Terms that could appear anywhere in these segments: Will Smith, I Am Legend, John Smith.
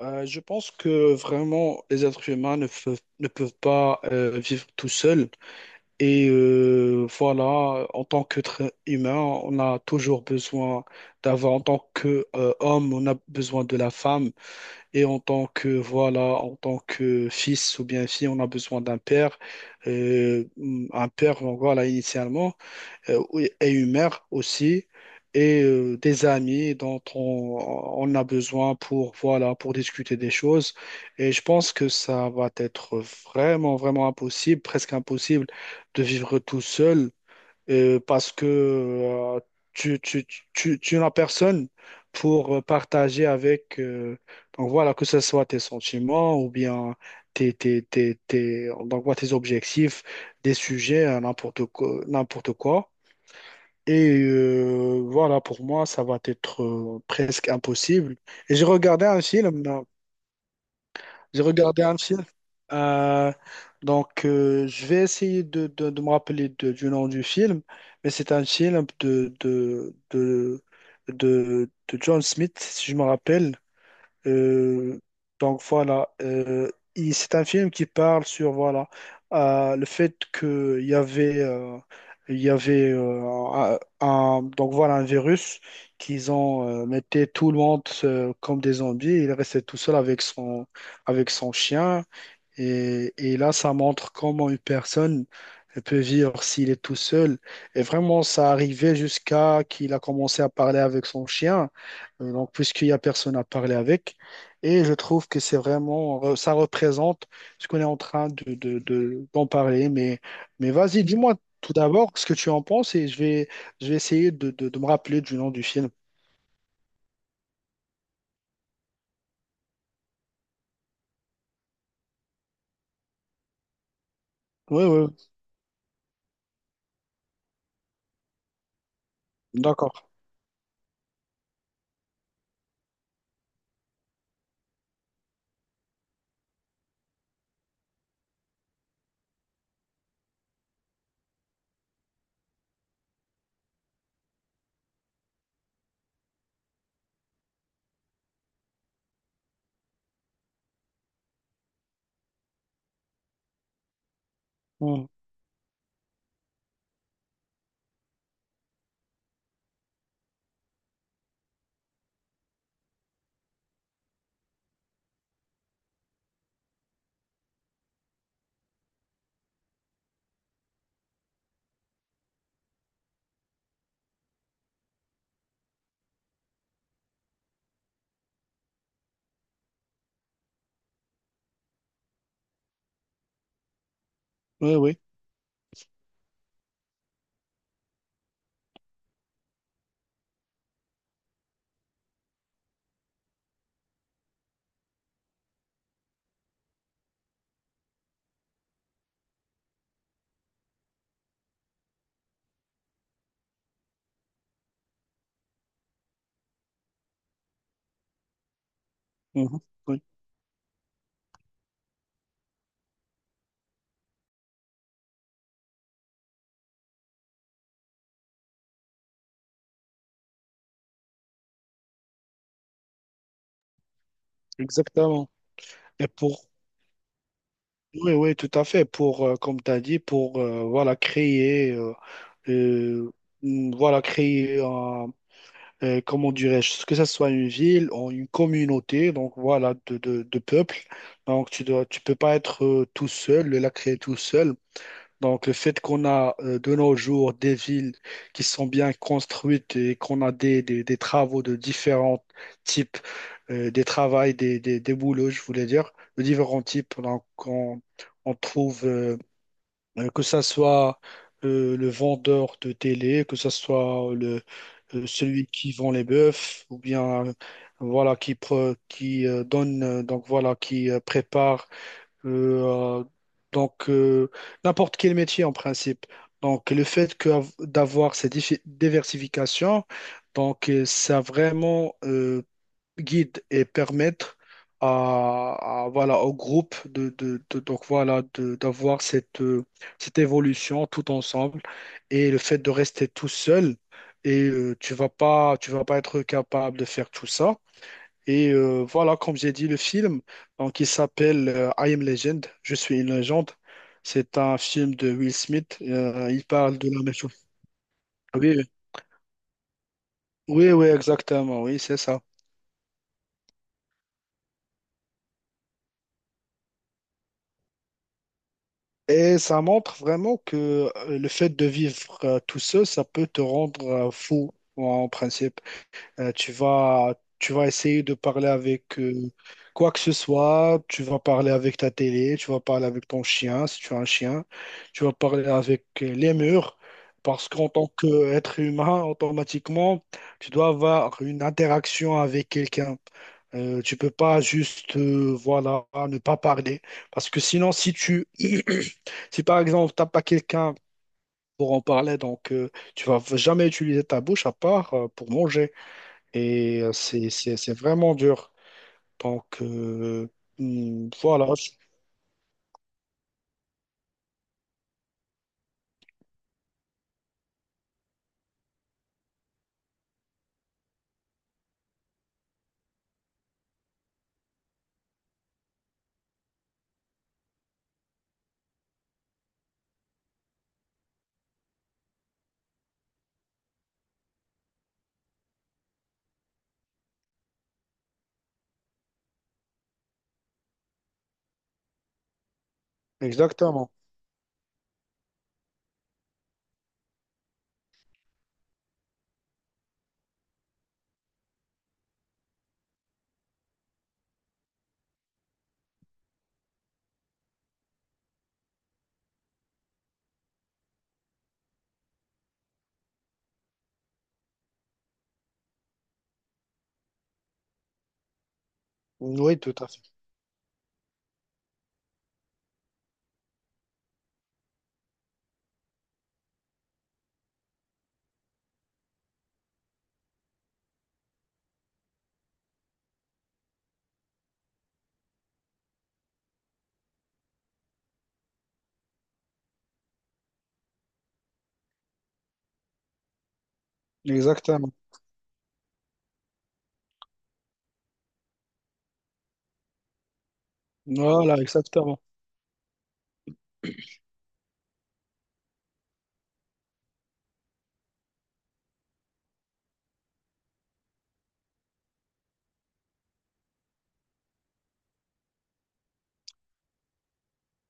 Je pense que vraiment les êtres humains ne peuvent, ne peuvent pas vivre tout seuls. En tant qu'être humain, on a toujours besoin d'avoir, en tant que homme, on a besoin de la femme. Et en tant que, voilà, en tant que fils ou bien fille, on a besoin d'un père. Euh, un père, donc voilà, initialement oui, et une mère aussi, et des amis dont on a besoin pour, voilà, pour discuter des choses. Et je pense que ça va être vraiment, vraiment impossible, presque impossible de vivre tout seul parce que tu, tu, tu n'as personne pour partager avec, donc voilà, que ce soit tes sentiments ou bien donc voilà, tes objectifs, des sujets, n'importe quoi, n'importe quoi. Pour moi, ça va être presque impossible. Et j'ai regardé un film. Euh, je vais essayer de me rappeler du nom du film, mais c'est un film de John Smith, si je me rappelle. Euh, donc voilà, c'est un film qui parle sur voilà le fait que il y avait il y avait euh, donc voilà un virus qu'ils ont mettait tout le monde comme des zombies. Il restait tout seul avec son chien. Et là, ça montre comment une personne peut vivre s'il est tout seul. Et vraiment, ça arrivait jusqu'à qu'il a commencé à parler avec son chien. Donc puisqu'il n'y a personne à parler avec. Et je trouve que c'est vraiment, ça représente ce qu'on est en train d'en parler. Mais vas-y, dis-moi tout d'abord ce que tu en penses et je vais essayer de me rappeler du nom du film. Oui, oui, d'accord. Oui, oui, oui. Mhm. Oui, exactement. Et pour, Oui, oui, tout à fait. Pour, comme tu as dit, pour voilà, créer, euh, voilà, comment dirais-je, que ce soit une ville ou une communauté, donc voilà, de peuples. Donc tu dois, tu peux pas être tout seul, la créer tout seul. Donc, le fait qu'on a de nos jours des villes qui sont bien construites et qu'on a des travaux de différents types, des travails, des boulots, je voulais dire, de différents types. Donc, on trouve que ça soit le vendeur de télé, que ça soit celui qui vend les bœufs, ou bien voilà qui, pre- qui donne, donc voilà qui prépare euh, donc, euh, n'importe quel métier en principe. Donc, le fait que, d'avoir cette diversification, donc, ça vraiment guide et permettre à voilà, au groupe donc, voilà, d'avoir cette, cette évolution tout ensemble. Et le fait de rester tout seul, tu vas pas être capable de faire tout ça. Comme j'ai dit, le film, donc il s'appelle I Am Legend, Je suis une légende. C'est un film de Will Smith. Il parle de la même chose. Oui, oui, oui, oui, exactement, oui, c'est ça. Et ça montre vraiment que le fait de vivre tout seul, ça peut te rendre fou en principe. Euh, tu vas, tu vas essayer de parler avec quoi que ce soit. Tu vas parler avec ta télé, tu vas parler avec ton chien, si tu as un chien. Tu vas parler avec les murs. Parce qu'en tant qu'être humain, automatiquement, tu dois avoir une interaction avec quelqu'un. Tu peux pas juste voilà, ne pas parler. Parce que sinon, si tu si par exemple, tu n'as pas quelqu'un pour en parler, donc tu vas jamais utiliser ta bouche à part pour manger. Et c'est vraiment dur. Donc, euh, hmm, voilà, je- exactement. Oui, tout à fait. Exactement. Voilà, exactement.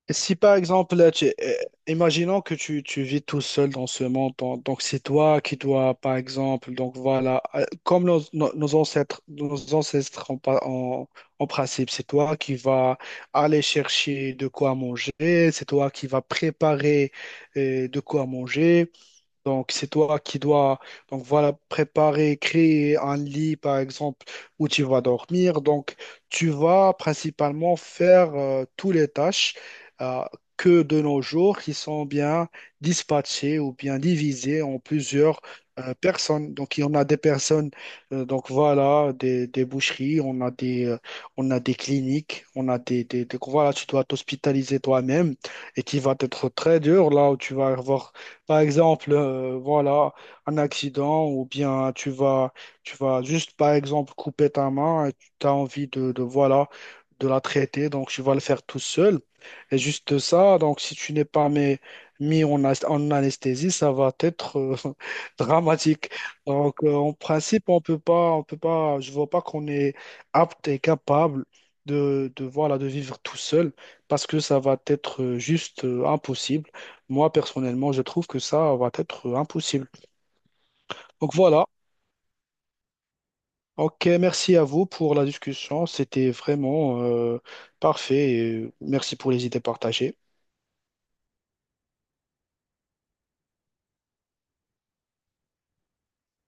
Et si par exemple, là, tu- imaginons que tu vis tout seul dans ce monde, donc c'est toi qui dois, par exemple, donc voilà, comme nos ancêtres en principe, c'est toi qui vas aller chercher de quoi manger, c'est toi qui vas préparer de quoi manger. Donc, c'est toi qui dois donc voilà, préparer, créer un lit, par exemple, où tu vas dormir. Donc, tu vas principalement faire toutes les tâches euh, que de nos jours qui sont bien dispatchées ou bien divisées en plusieurs personnes. Donc, il y en a des personnes, donc voilà, des boucheries, on a des cliniques, on a voilà, tu dois t'hospitaliser toi-même et qui va être très dur là où tu vas avoir par exemple, voilà, un accident ou bien tu vas juste, par exemple, couper ta main et tu as envie voilà, de la traiter, donc tu vas le faire tout seul. Et juste ça, donc si tu n'es pas mis, en anesthésie, ça va être dramatique. En principe, on peut pas, je vois pas qu'on est apte et capable de voilà, de vivre tout seul parce que ça va être juste impossible. Moi, personnellement, je trouve que ça va être impossible. Donc voilà. Ok, merci à vous pour la discussion. C'était vraiment parfait. Et merci pour les idées partagées.